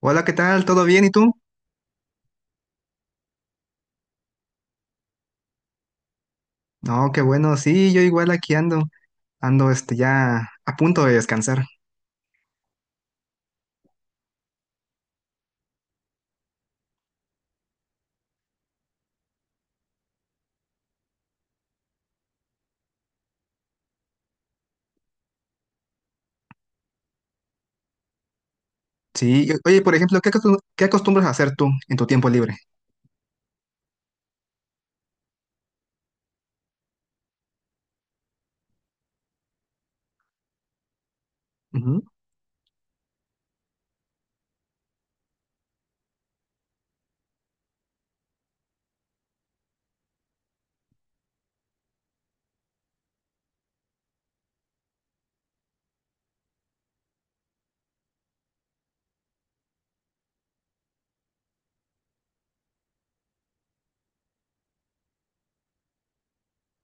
Hola, ¿qué tal? ¿Todo bien? ¿Y tú? No, qué bueno. Sí, yo igual aquí ando. Ando este ya a punto de descansar. Sí, oye, por ejemplo, ¿ qué acostumbras a hacer tú en tu tiempo libre? Ujú.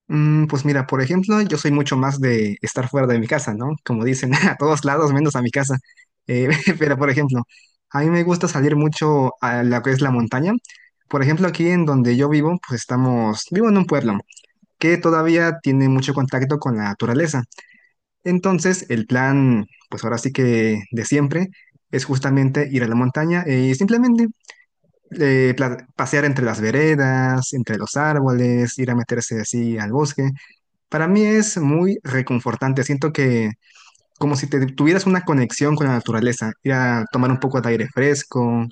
Mm, pues mira, por ejemplo, yo soy mucho más de estar fuera de mi casa, ¿no? Como dicen, a todos lados menos a mi casa. Eh, pero por ejemplo, a mí me gusta salir mucho a lo que es la montaña. Por ejemplo, aquí en donde yo vivo, pues estamos, vivo en un pueblo que todavía tiene mucho contacto con la naturaleza. Entonces, el plan, pues ahora sí que de siempre, es justamente ir a la montaña y simplemente pasear entre las veredas, entre los árboles, ir a meterse así al bosque. Para mí es muy reconfortante, siento que como si te tuvieras una conexión con la naturaleza, ir a tomar un poco de aire fresco,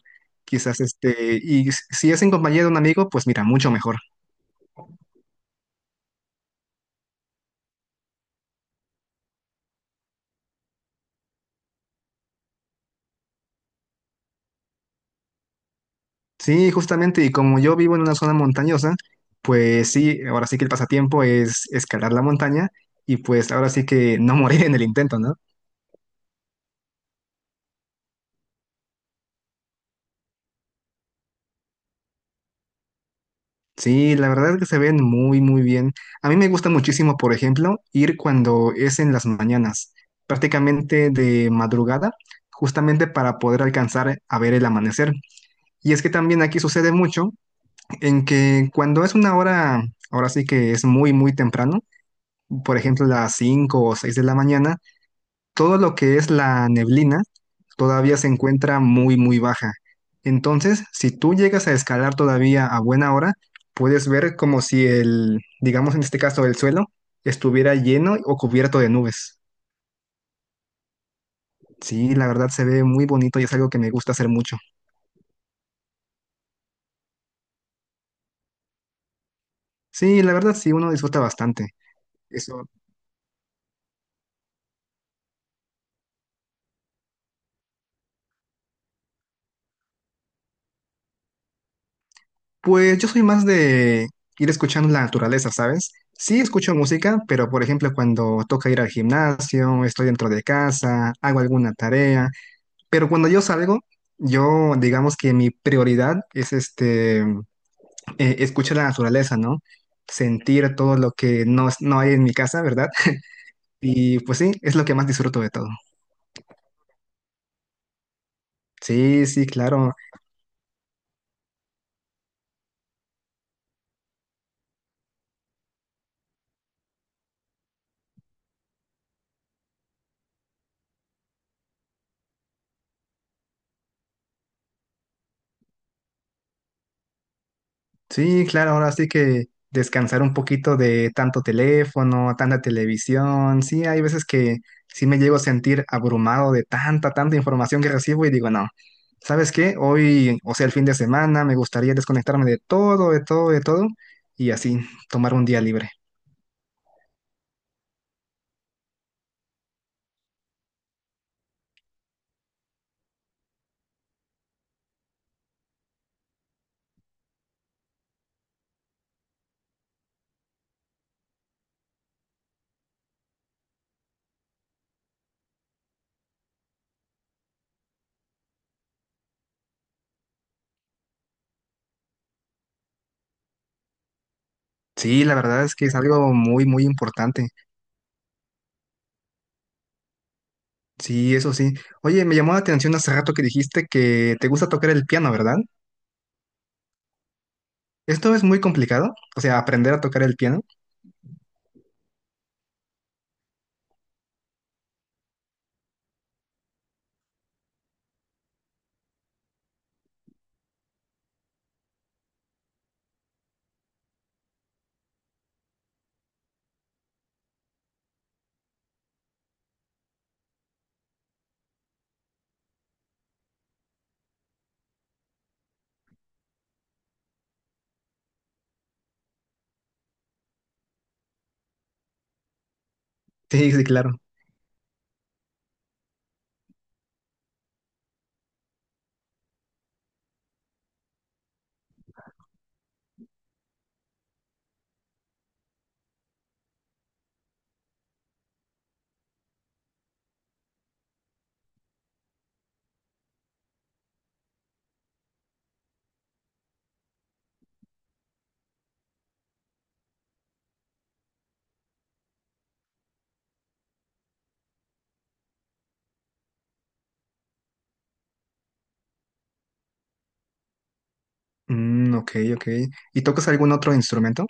quizás este, y si es en compañía de un amigo, pues mira, mucho mejor. Sí, justamente, y como yo vivo en una zona montañosa, pues sí, ahora sí que el pasatiempo es escalar la montaña y pues ahora sí que no morir en el intento, ¿no? Sí, la verdad es que se ven muy, muy bien. A mí me gusta muchísimo, por ejemplo, ir cuando es en las mañanas, prácticamente de madrugada, justamente para poder alcanzar a ver el amanecer. Y es que también aquí sucede mucho en que cuando es una hora, ahora sí que es muy, muy temprano, por ejemplo, las 5 o 6 de la mañana, todo lo que es la neblina todavía se encuentra muy, muy baja. Entonces, si tú llegas a escalar todavía a buena hora, puedes ver como si el, digamos en este caso, el suelo estuviera lleno o cubierto de nubes. Sí, la verdad se ve muy bonito y es algo que me gusta hacer mucho. Sí, la verdad sí, uno disfruta bastante. Eso. Pues yo soy más de ir escuchando la naturaleza, ¿sabes? Sí, escucho música, pero por ejemplo cuando toca ir al gimnasio, estoy dentro de casa, hago alguna tarea. Pero cuando yo salgo, yo digamos que mi prioridad es escuchar la naturaleza, ¿no? Sentir todo lo que no hay en mi casa, ¿verdad? Y pues sí, es lo que más disfruto de todo. Sí, sí, claro. Sí, claro, ahora sí que descansar un poquito de tanto teléfono, tanta televisión. Sí, hay veces que sí me llego a sentir abrumado de tanta, tanta información que recibo y digo, no, ¿sabes qué? Hoy, o sea, el fin de semana, me gustaría desconectarme de todo, de todo, de todo y así tomar un día libre. Sí, la verdad es que es algo muy, muy importante. Sí, eso sí. Oye, me llamó la atención hace rato que dijiste que te gusta tocar el piano, ¿verdad? ¿Esto es muy complicado? O sea, aprender a tocar el piano. Sí, sí, claro. Mm, ok, ok. ¿Y tocas algún otro instrumento?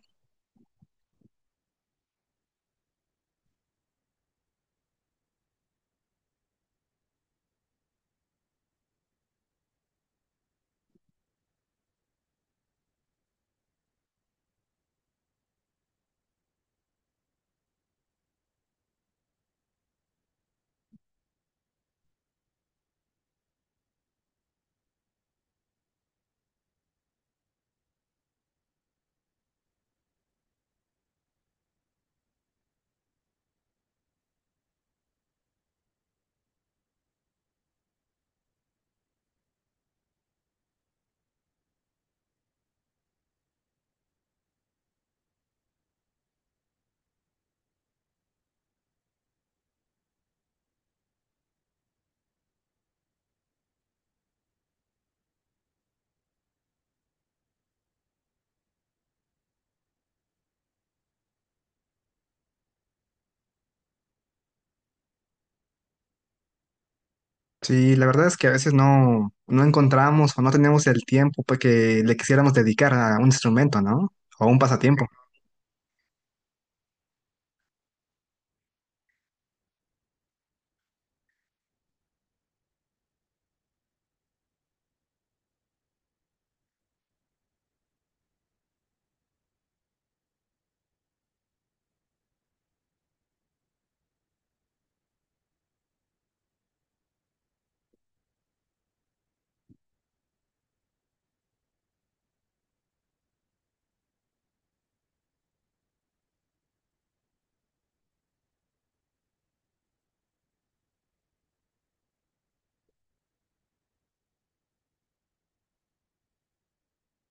Sí, la verdad es que a veces no, no encontramos o no tenemos el tiempo pues, que le quisiéramos dedicar a un instrumento, ¿no? O a un pasatiempo.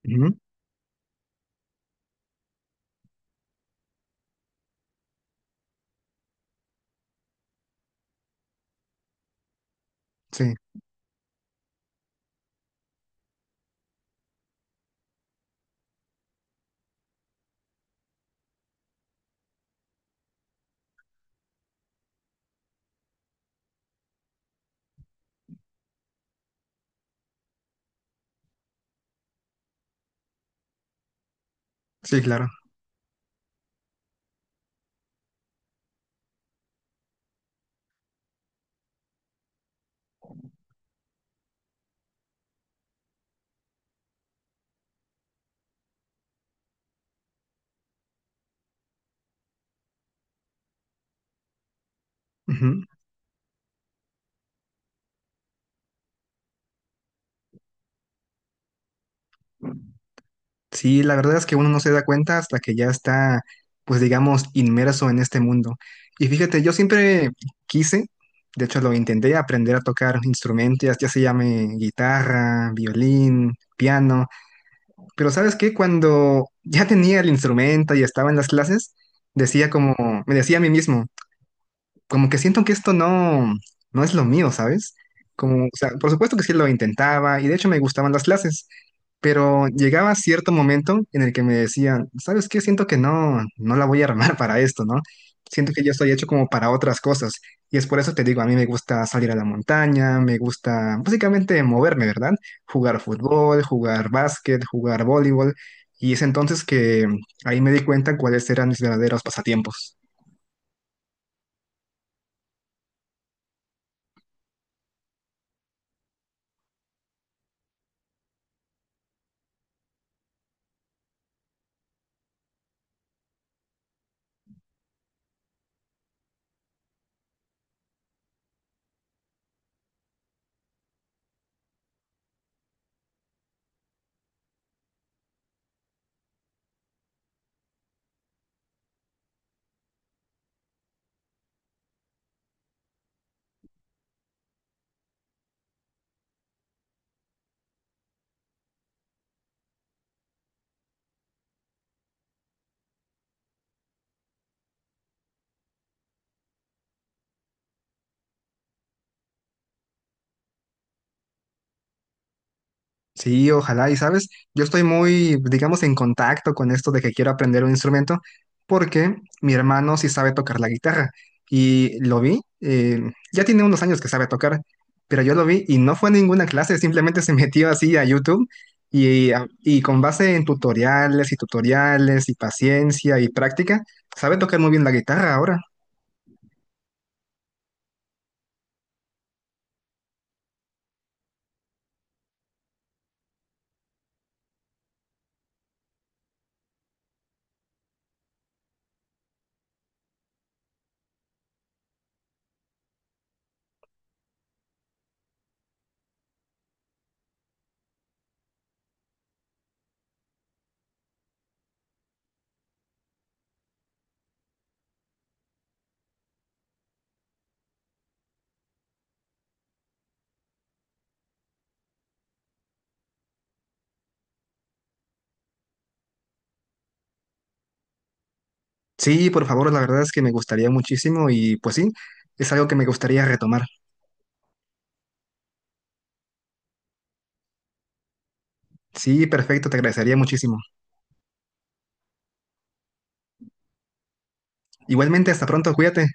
Ujú. Sí, sí, claro. Ujú. Sí, la verdad es que uno no se da cuenta hasta que ya está, pues digamos, inmerso en este mundo. Y fíjate, yo siempre quise, de hecho lo intenté, aprender a tocar instrumentos, ya se llame guitarra, violín, piano, pero ¿sabes qué? Cuando ya tenía el instrumento y estaba en las clases, decía como, me decía a mí mismo, como que siento que esto no, no es lo mío, ¿sabes? Como, o sea, por supuesto que sí lo intentaba y de hecho me gustaban las clases, pero llegaba cierto momento en el que me decían, ¿sabes qué? Siento que no, no la voy a armar para esto, ¿no? Siento que yo estoy hecho como para otras cosas y es por eso te digo, a mí me gusta salir a la montaña, me gusta básicamente moverme, ¿verdad? Jugar fútbol, jugar básquet, jugar voleibol y es entonces que ahí me di cuenta cuáles eran mis verdaderos pasatiempos. Sí, ojalá. Y sabes, yo estoy muy, digamos, en contacto con esto de que quiero aprender un instrumento porque mi hermano sí sabe tocar la guitarra y lo vi, ya tiene unos años que sabe tocar, pero yo lo vi y no fue a ninguna clase, simplemente se metió así a YouTube y con base en tutoriales y tutoriales y paciencia y práctica, sabe tocar muy bien la guitarra ahora. Sí, por favor, la verdad es que me gustaría muchísimo y pues sí, es algo que me gustaría retomar. Sí, perfecto, te agradecería muchísimo. Igualmente, hasta pronto, cuídate.